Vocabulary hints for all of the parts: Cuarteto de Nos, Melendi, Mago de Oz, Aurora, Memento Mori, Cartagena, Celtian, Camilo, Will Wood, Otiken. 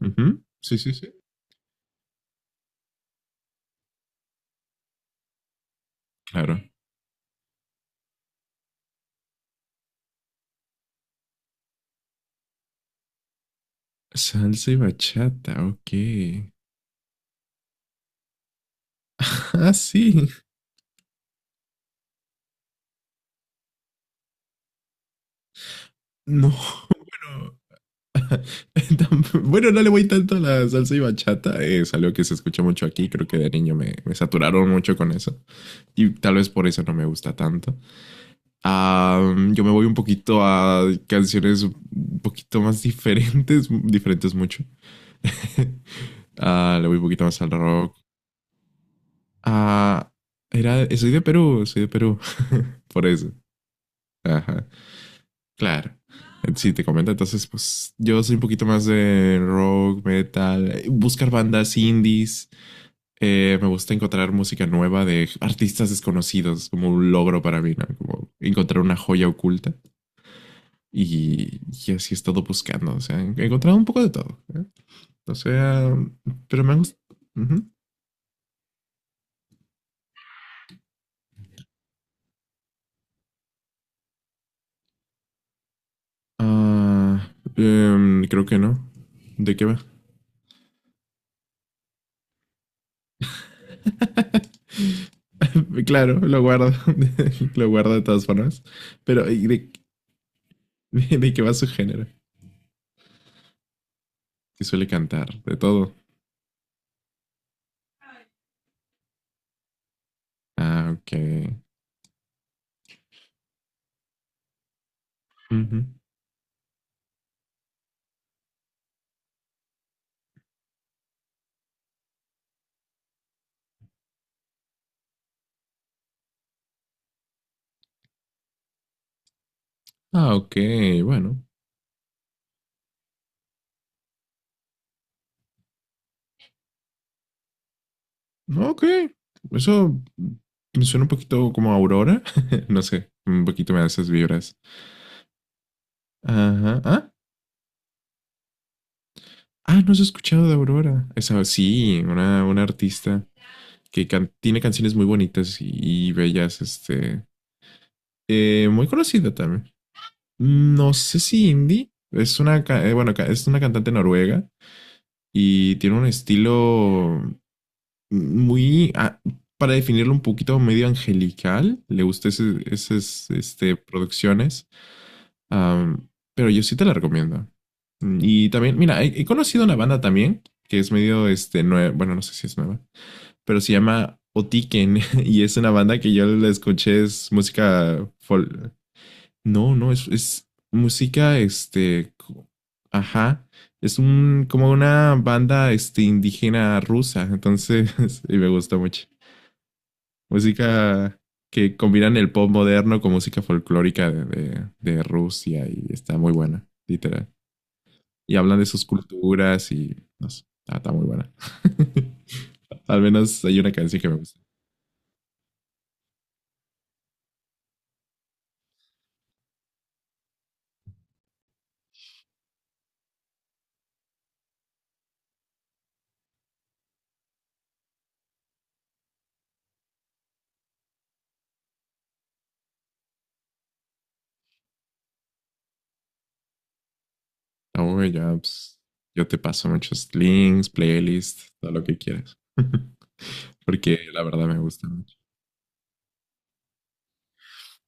Ujú. Sí, sí, sí. Claro. Salsa y bachata, ok. Ah, sí. No, bueno. Bueno, no le voy tanto a la salsa y bachata. Es algo que se escucha mucho aquí. Creo que de niño me saturaron mucho con eso. Y tal vez por eso no me gusta tanto. Ah, yo me voy un poquito a canciones un poquito más diferentes. Diferentes mucho. Le voy un poquito más al rock. Ah, Soy de Perú, soy de Perú. Por eso. Ajá. Claro. Sí, te comento. Entonces, pues yo soy un poquito más de rock, metal, buscar bandas indies. Me gusta encontrar música nueva de artistas desconocidos, como un logro para mí, ¿no? Como encontrar una joya oculta. Y así he estado buscando. O sea, he encontrado un poco de todo, ¿eh? O sea, pero me han gustado. Ujú. Ah, Creo que no. ¿De qué va? Claro, lo guardo. Lo guardo de todas formas. Pero, ¿y ¿de qué va su género? Que suele cantar, de todo. Ah, ok. Ujú. Ah, ok, bueno. Ah, ok. Eso me suena un poquito como a Aurora. No sé, un poquito me da esas vibras. Ajá. Ah, no has escuchado de Aurora. Esa, sí, una artista que tiene canciones muy bonitas y, bellas, este, muy conocida también. No sé si indie. Es una, bueno, es una cantante noruega y tiene un estilo muy, para definirlo un poquito, medio angelical. Le gusta esas este, producciones. Am, pero yo sí te la recomiendo. Y también, mira, he conocido una banda también que es medio, este, bueno, no sé si es nueva, pero se llama Otiken. Y es una banda que yo la escuché, es música. No, no, es música, este, ajá, es un, como una banda, este, indígena rusa, entonces, y me gusta mucho. Música que combinan el pop moderno con música folclórica de, de Rusia y está muy buena, literal. Y hablan de sus culturas y, no sé, está muy buena. Al menos hay una canción que me gusta. Oh, ya, pues, yo te paso muchos links, playlists, todo lo que quieras. Porque la verdad me gusta mucho.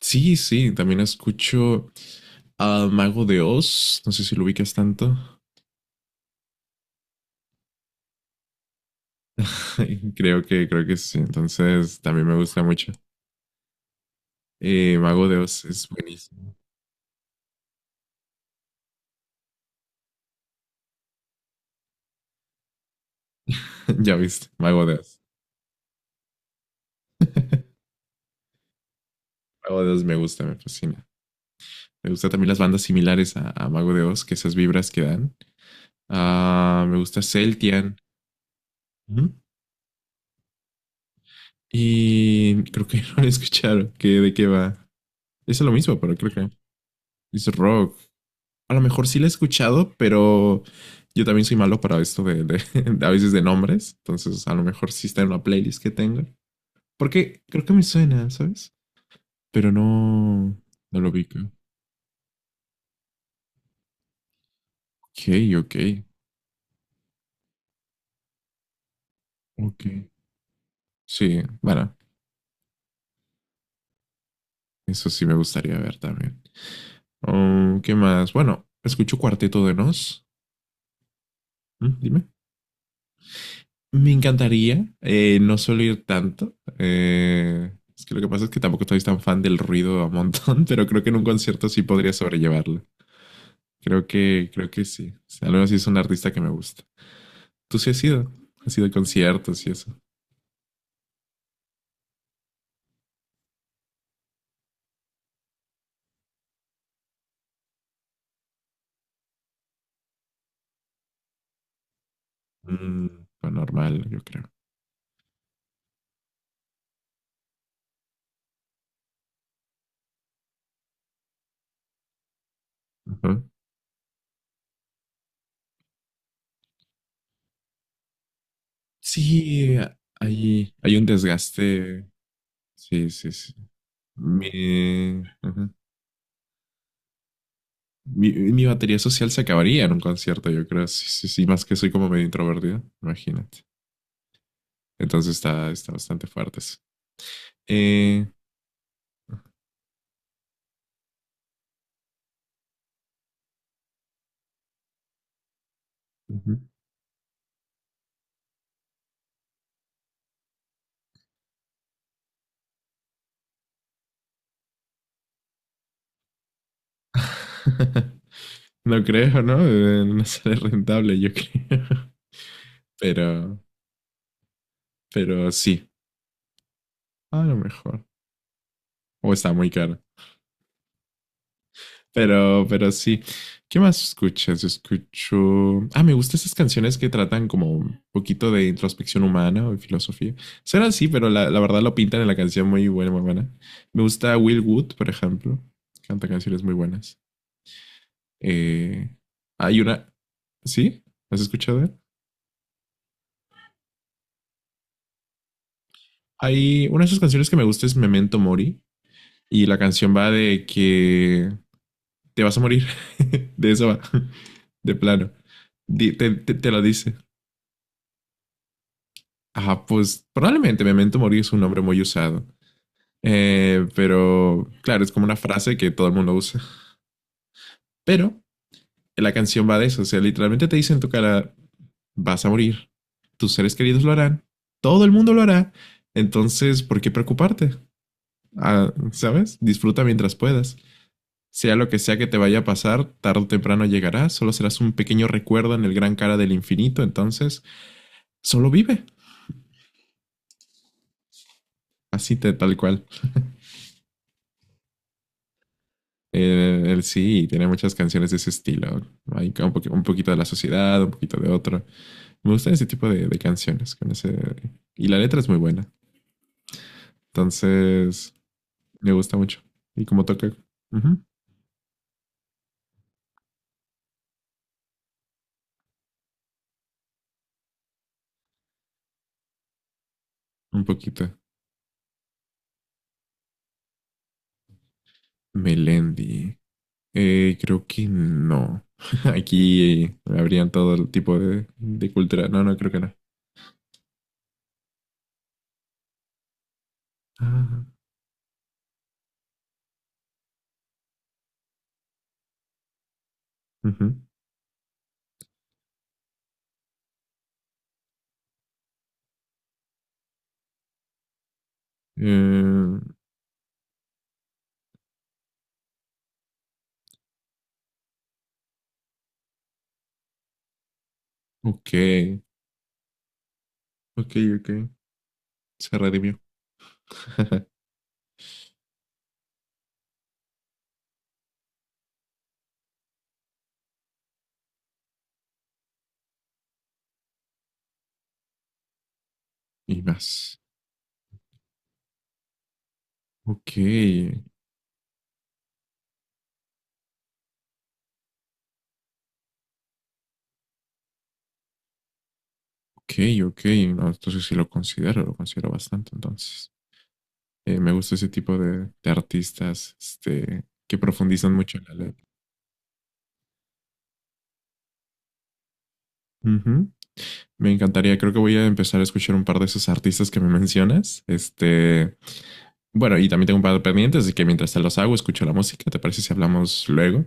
Sí, sí, también escucho al Mago de Oz, no sé si lo ubicas tanto. Creo que sí, entonces también me gusta mucho. Mago de Oz es buenísimo. Ya viste, Mago de Oz. Mago de Oz me gusta, me fascina. Me gusta también las bandas similares a Mago de Oz, que esas vibras que dan. Ah, me gusta Celtian. Ujú. Y creo que no lo escucharon, que de qué va. Es lo mismo, pero creo que es rock. A lo mejor sí la he escuchado, pero yo también soy malo para esto de, de a veces de nombres. Entonces, a lo mejor sí está en una playlist que tengo. Porque creo que me suena, ¿sabes? Pero no, no lo ubico. Ok, ok, ok. Sí, bueno, eso sí me gustaría ver también. ¿Qué más? Bueno, escucho Cuarteto de Nos. ¿Mm? Dime. Me encantaría, no solo ir tanto. Es que lo que pasa es que tampoco estoy tan fan del ruido a montón, pero creo que en un concierto sí podría sobrellevarlo. Creo que sí. O sea, al menos sí es un artista que me gusta. ¿Tú sí has ido? ¿Has ido a conciertos y eso? Mm, lo normal, yo creo. Ujú. Sí, hay un desgaste. Sí, sí, sí. Ujú. Mi batería social se acabaría en un concierto, yo creo. Sí, sí, sí, más que soy como medio introvertido, imagínate. Entonces está bastante fuerte eso. Eh, Ujú. No creo, ¿no? No sale rentable, yo creo. Pero, pero sí, a lo mejor. O está muy caro. Pero sí. ¿Qué más escuchas? Escucho. Ah, me gustan esas canciones que tratan como un poquito de introspección humana o de filosofía. Será así, pero la verdad lo pintan en la canción muy buena, muy buena. Me gusta Will Wood, por ejemplo. Canta canciones muy buenas. Eh, Hay una. ¿Sí? ¿Has escuchado? Hay una de sus canciones que me gusta es Memento Mori. Y la canción va de que te vas a morir. De eso va. De plano. Te lo dice. Ah, pues probablemente Memento Mori es un nombre muy usado. Pero claro, es como una frase que todo el mundo usa. Pero la canción va de eso. O sea, literalmente te dice en tu cara, vas a morir. Tus seres queridos lo harán. Todo el mundo lo hará. Entonces, ¿por qué preocuparte? Ah, ¿sabes? Disfruta mientras puedas. Sea lo que sea que te vaya a pasar, tarde o temprano llegará, solo serás un pequeño recuerdo en el gran cara del infinito, entonces solo vive. Así tal cual. Él sí tiene muchas canciones de ese estilo. Hay un, un poquito de la sociedad, un poquito de otro. Me gustan ese tipo de canciones. Con ese. Y la letra es muy buena. Entonces, me gusta mucho. Y como toca, ujú, un poquito. Melendi. Creo que no. Aquí habrían todo el tipo de cultura. No, no, creo que no. Ah, ujú. Eh, ok, ok, ok. Se redimió. Y más. Ok, ok, ok. No, entonces sí lo considero bastante. Entonces, me gusta ese tipo de artistas este, que profundizan mucho en la letra. Ujú. Me encantaría, creo que voy a empezar a escuchar un par de esos artistas que me mencionas. Este, bueno, y también tengo un par de pendientes, así que mientras te los hago, escucho la música. ¿Te parece si hablamos luego?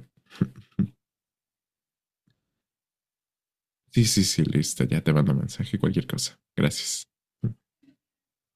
Sí, sí, sí, listo. Ya te mando mensaje, cualquier cosa. Gracias.